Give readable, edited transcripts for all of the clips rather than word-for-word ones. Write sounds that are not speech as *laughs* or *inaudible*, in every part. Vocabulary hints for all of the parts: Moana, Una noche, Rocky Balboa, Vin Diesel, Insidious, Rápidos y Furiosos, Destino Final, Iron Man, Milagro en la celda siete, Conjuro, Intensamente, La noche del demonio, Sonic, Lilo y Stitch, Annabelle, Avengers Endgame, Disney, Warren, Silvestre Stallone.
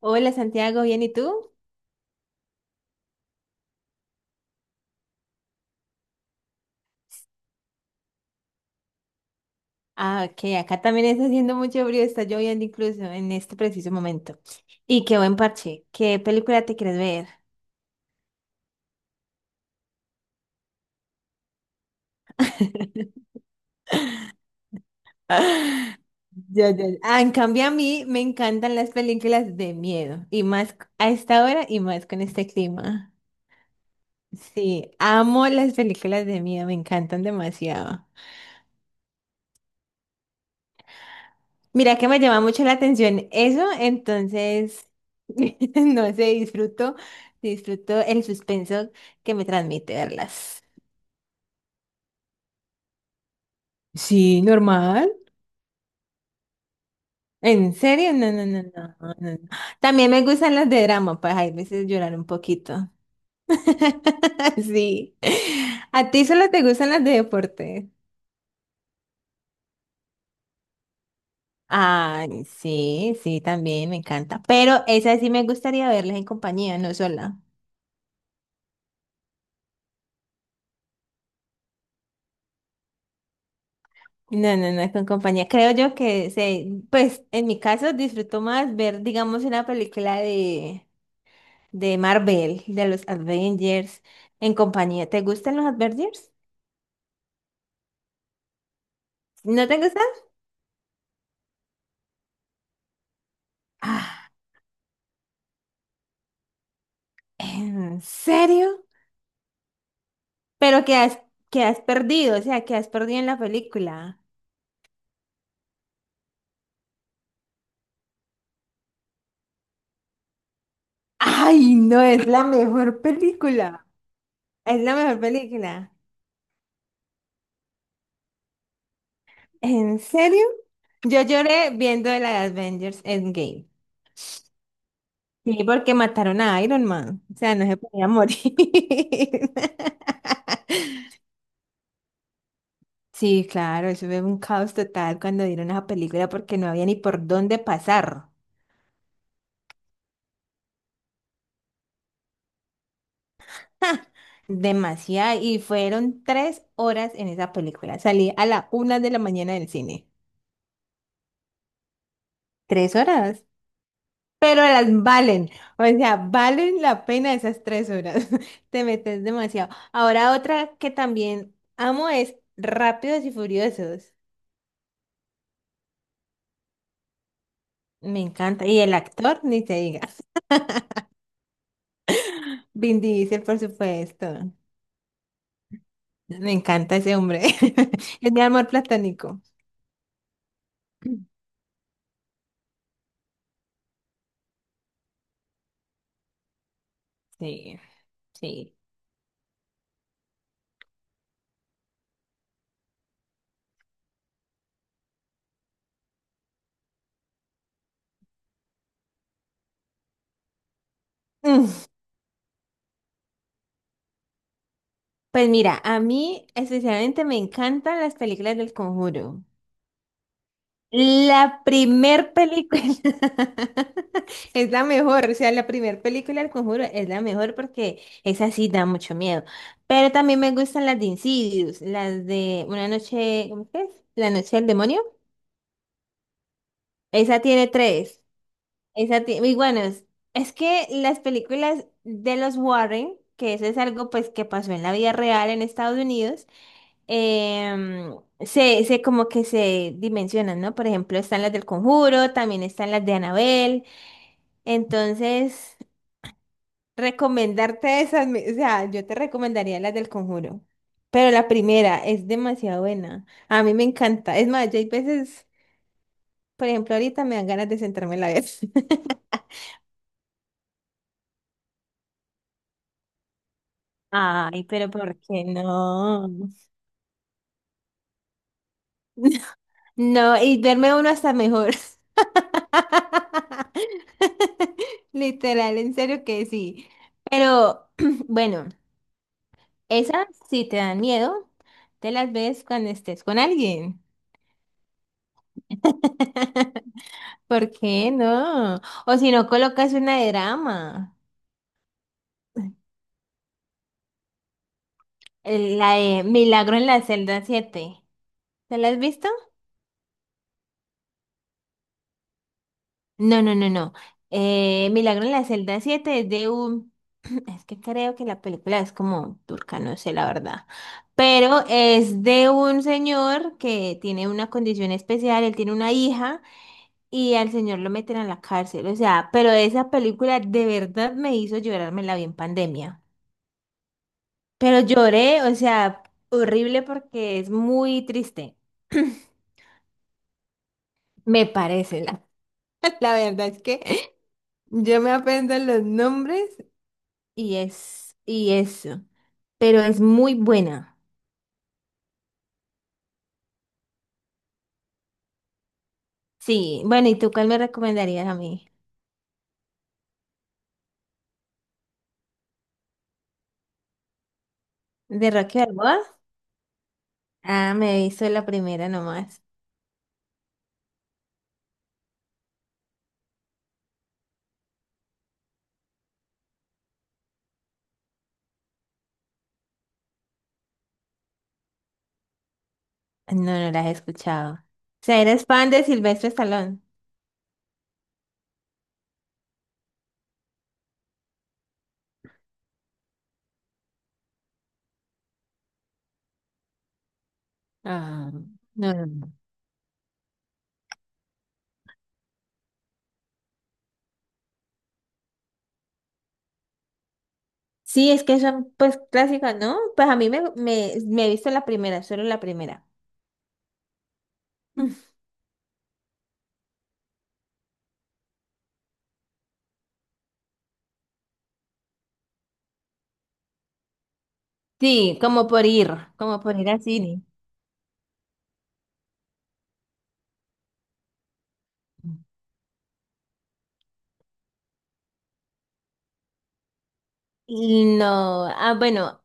Hola Santiago, ¿bien y tú? Ah, ok, acá también está haciendo mucho frío, está lloviendo incluso en este preciso momento. Y qué buen parche, ¿qué película te quieres ver? *laughs* Ya, ya, ya. Ah, en cambio a mí me encantan las películas de miedo, y más a esta hora y más con este clima. Sí, amo las películas de miedo, me encantan demasiado. Mira que me llama mucho la atención eso, entonces, *laughs* no sé, disfruto, disfruto el suspenso que me transmite verlas. Sí, normal. ¿En serio? No, no, no, no, no, no. También me gustan las de drama, pues hay veces llorar un poquito. *laughs* Sí. ¿A ti solo te gustan las de deporte? Ay, sí, sí, también me encanta. Pero esas sí me gustaría verlas en compañía, no sola. No, no, no, con compañía. Creo yo que se, pues en mi caso disfruto más ver, digamos, una película de Marvel, de los Avengers, en compañía. ¿Te gustan los Avengers? ¿No te gustan? Ah, ¿en serio? Pero que has perdido, o sea, que has perdido en la película. Ay, no, es la mejor película. Es la mejor película. ¿En serio? Yo lloré viendo la de Avengers Endgame. Sí, porque mataron a Iron Man. O sea, no se podía morir. *laughs* Sí, claro, eso fue un caos total cuando dieron esa película porque no había ni por dónde pasar. *laughs* ¡Ja! Demasiado. Y fueron 3 horas en esa película. Salí a la 1 de la mañana del cine. 3 horas. Pero las valen. O sea, valen la pena esas 3 horas. *laughs* Te metes demasiado. Ahora otra que también amo es Rápidos y Furiosos. Me encanta. Y el actor, ni te diga. Vin Diesel, por supuesto. Me encanta ese hombre. *laughs* Es mi amor platónico. Sí, sí. Mm, pues mira, a mí especialmente me encantan las películas del Conjuro. La primer película *laughs* es la mejor, o sea, la primer película del Conjuro es la mejor porque esa sí da mucho miedo. Pero también me gustan las de Insidious, las de Una noche, ¿cómo que es? La noche del demonio. Esa tiene tres. Y bueno, es que las películas de los Warren, que eso es algo pues que pasó en la vida real en Estados Unidos, se como que se dimensionan, ¿no? Por ejemplo, están las del Conjuro, también están las de Annabelle. Entonces, recomendarte esas, o sea, yo te recomendaría las del Conjuro. Pero la primera es demasiado buena. A mí me encanta. Es más, yo hay veces, por ejemplo, ahorita me dan ganas de sentarme a la vez. *laughs* Ay, pero ¿por qué no? *laughs* No, y verme uno hasta mejor. *laughs* Literal, en serio que sí. Pero *clears throat* bueno, esas si te dan miedo, te las ves cuando estés con alguien. *laughs* ¿Por qué no? O si no, colocas una de drama. La de Milagro en la celda 7, ¿te la has visto? No, no, no, no. Milagro en la celda siete es de un... *clears throat* Es que creo que la película es como turca, no sé la verdad. Pero es de un señor que tiene una condición especial, él tiene una hija y al señor lo meten a la cárcel. O sea, pero esa película de verdad me hizo llorarme la vi en pandemia. Pero lloré, o sea, horrible porque es muy triste. *clears throat* Me parece, *laughs* la verdad es que yo me aprendo los nombres y es, y eso. Pero es muy buena. Sí, bueno, ¿y tú cuál me recomendarías a mí? ¿De Rocky Balboa? Ah, me he visto la primera nomás. No, no la he escuchado. O sea, eres fan de Silvestre Stallone. Ah, no, no, no. Sí, es que son pues clásicas, ¿no? Pues a mí me he visto la primera, solo la primera. Mm. Sí, como por ir al cine. Y no, ah, bueno,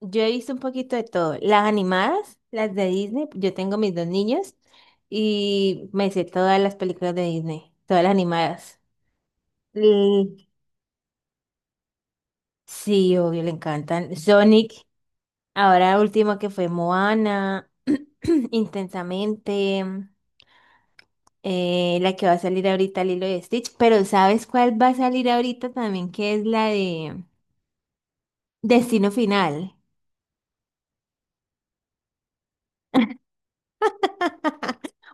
yo he visto un poquito de todo. Las animadas, las de Disney, yo tengo mis dos niños y me sé todas las películas de Disney, todas las animadas. Mm, sí, obvio, le encantan. Sonic, ahora último que fue Moana, *clears throat* Intensamente, la que va a salir ahorita, Lilo y Stitch, pero ¿sabes cuál va a salir ahorita también? Que es la de Destino Final.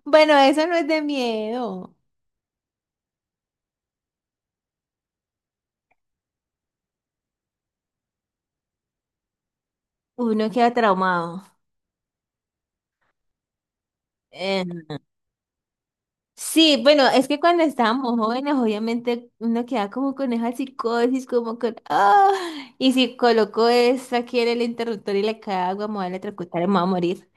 Bueno, eso no es de miedo. Uno queda traumado. Eh, Sí, bueno, es que cuando estábamos jóvenes, obviamente uno queda como con esa psicosis, como con, ah, y si colocó esto aquí en el interruptor y le cae agua, me voy a electrocutar y me voy a morir.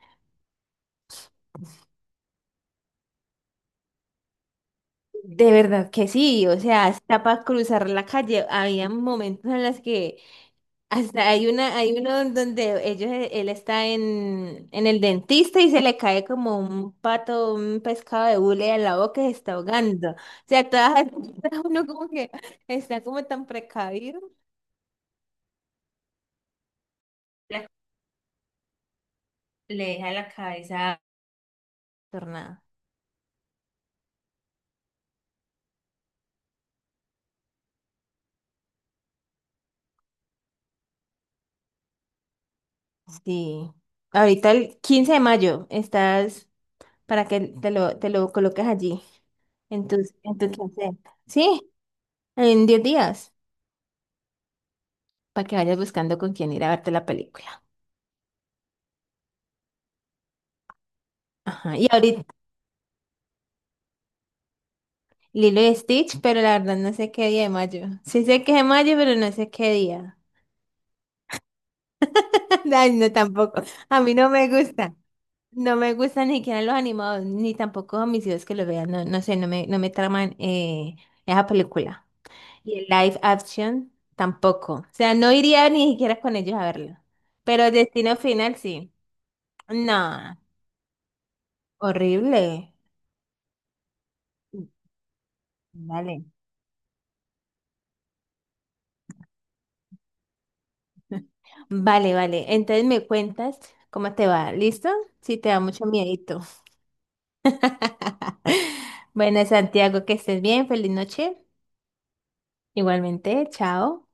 De verdad que sí, o sea, hasta para cruzar la calle, había momentos en los que hasta hay una, hay uno en donde ellos, él está en el dentista y se le cae como un pato, un pescado de hule a la boca y se está ahogando. O sea, todas, *laughs* uno como que está como tan precavido. la- Le deja la cabeza tornada. Sí. Ahorita el 15 de mayo estás para que te lo coloques allí, en tu quincena. Sí, en 10 días, para que vayas buscando con quién ir a verte la película. Ajá. Y ahorita Lilo y Stitch, pero la verdad no sé qué día de mayo. Sí sé que es de mayo, pero no sé qué día. *laughs* Ay, no, tampoco. A mí no me gusta. No me gustan ni siquiera los animados, ni tampoco a mis hijos que lo vean. No, no sé, no me traman esa película. Y el live action tampoco. O sea, no iría ni siquiera con ellos a verlo. Pero Destino Final sí. No, horrible. Vale. Vale, vale. Entonces me cuentas cómo te va. ¿Listo? Si te da mucho miedito. *laughs* Bueno, Santiago, que estés bien. Feliz noche. Igualmente, chao.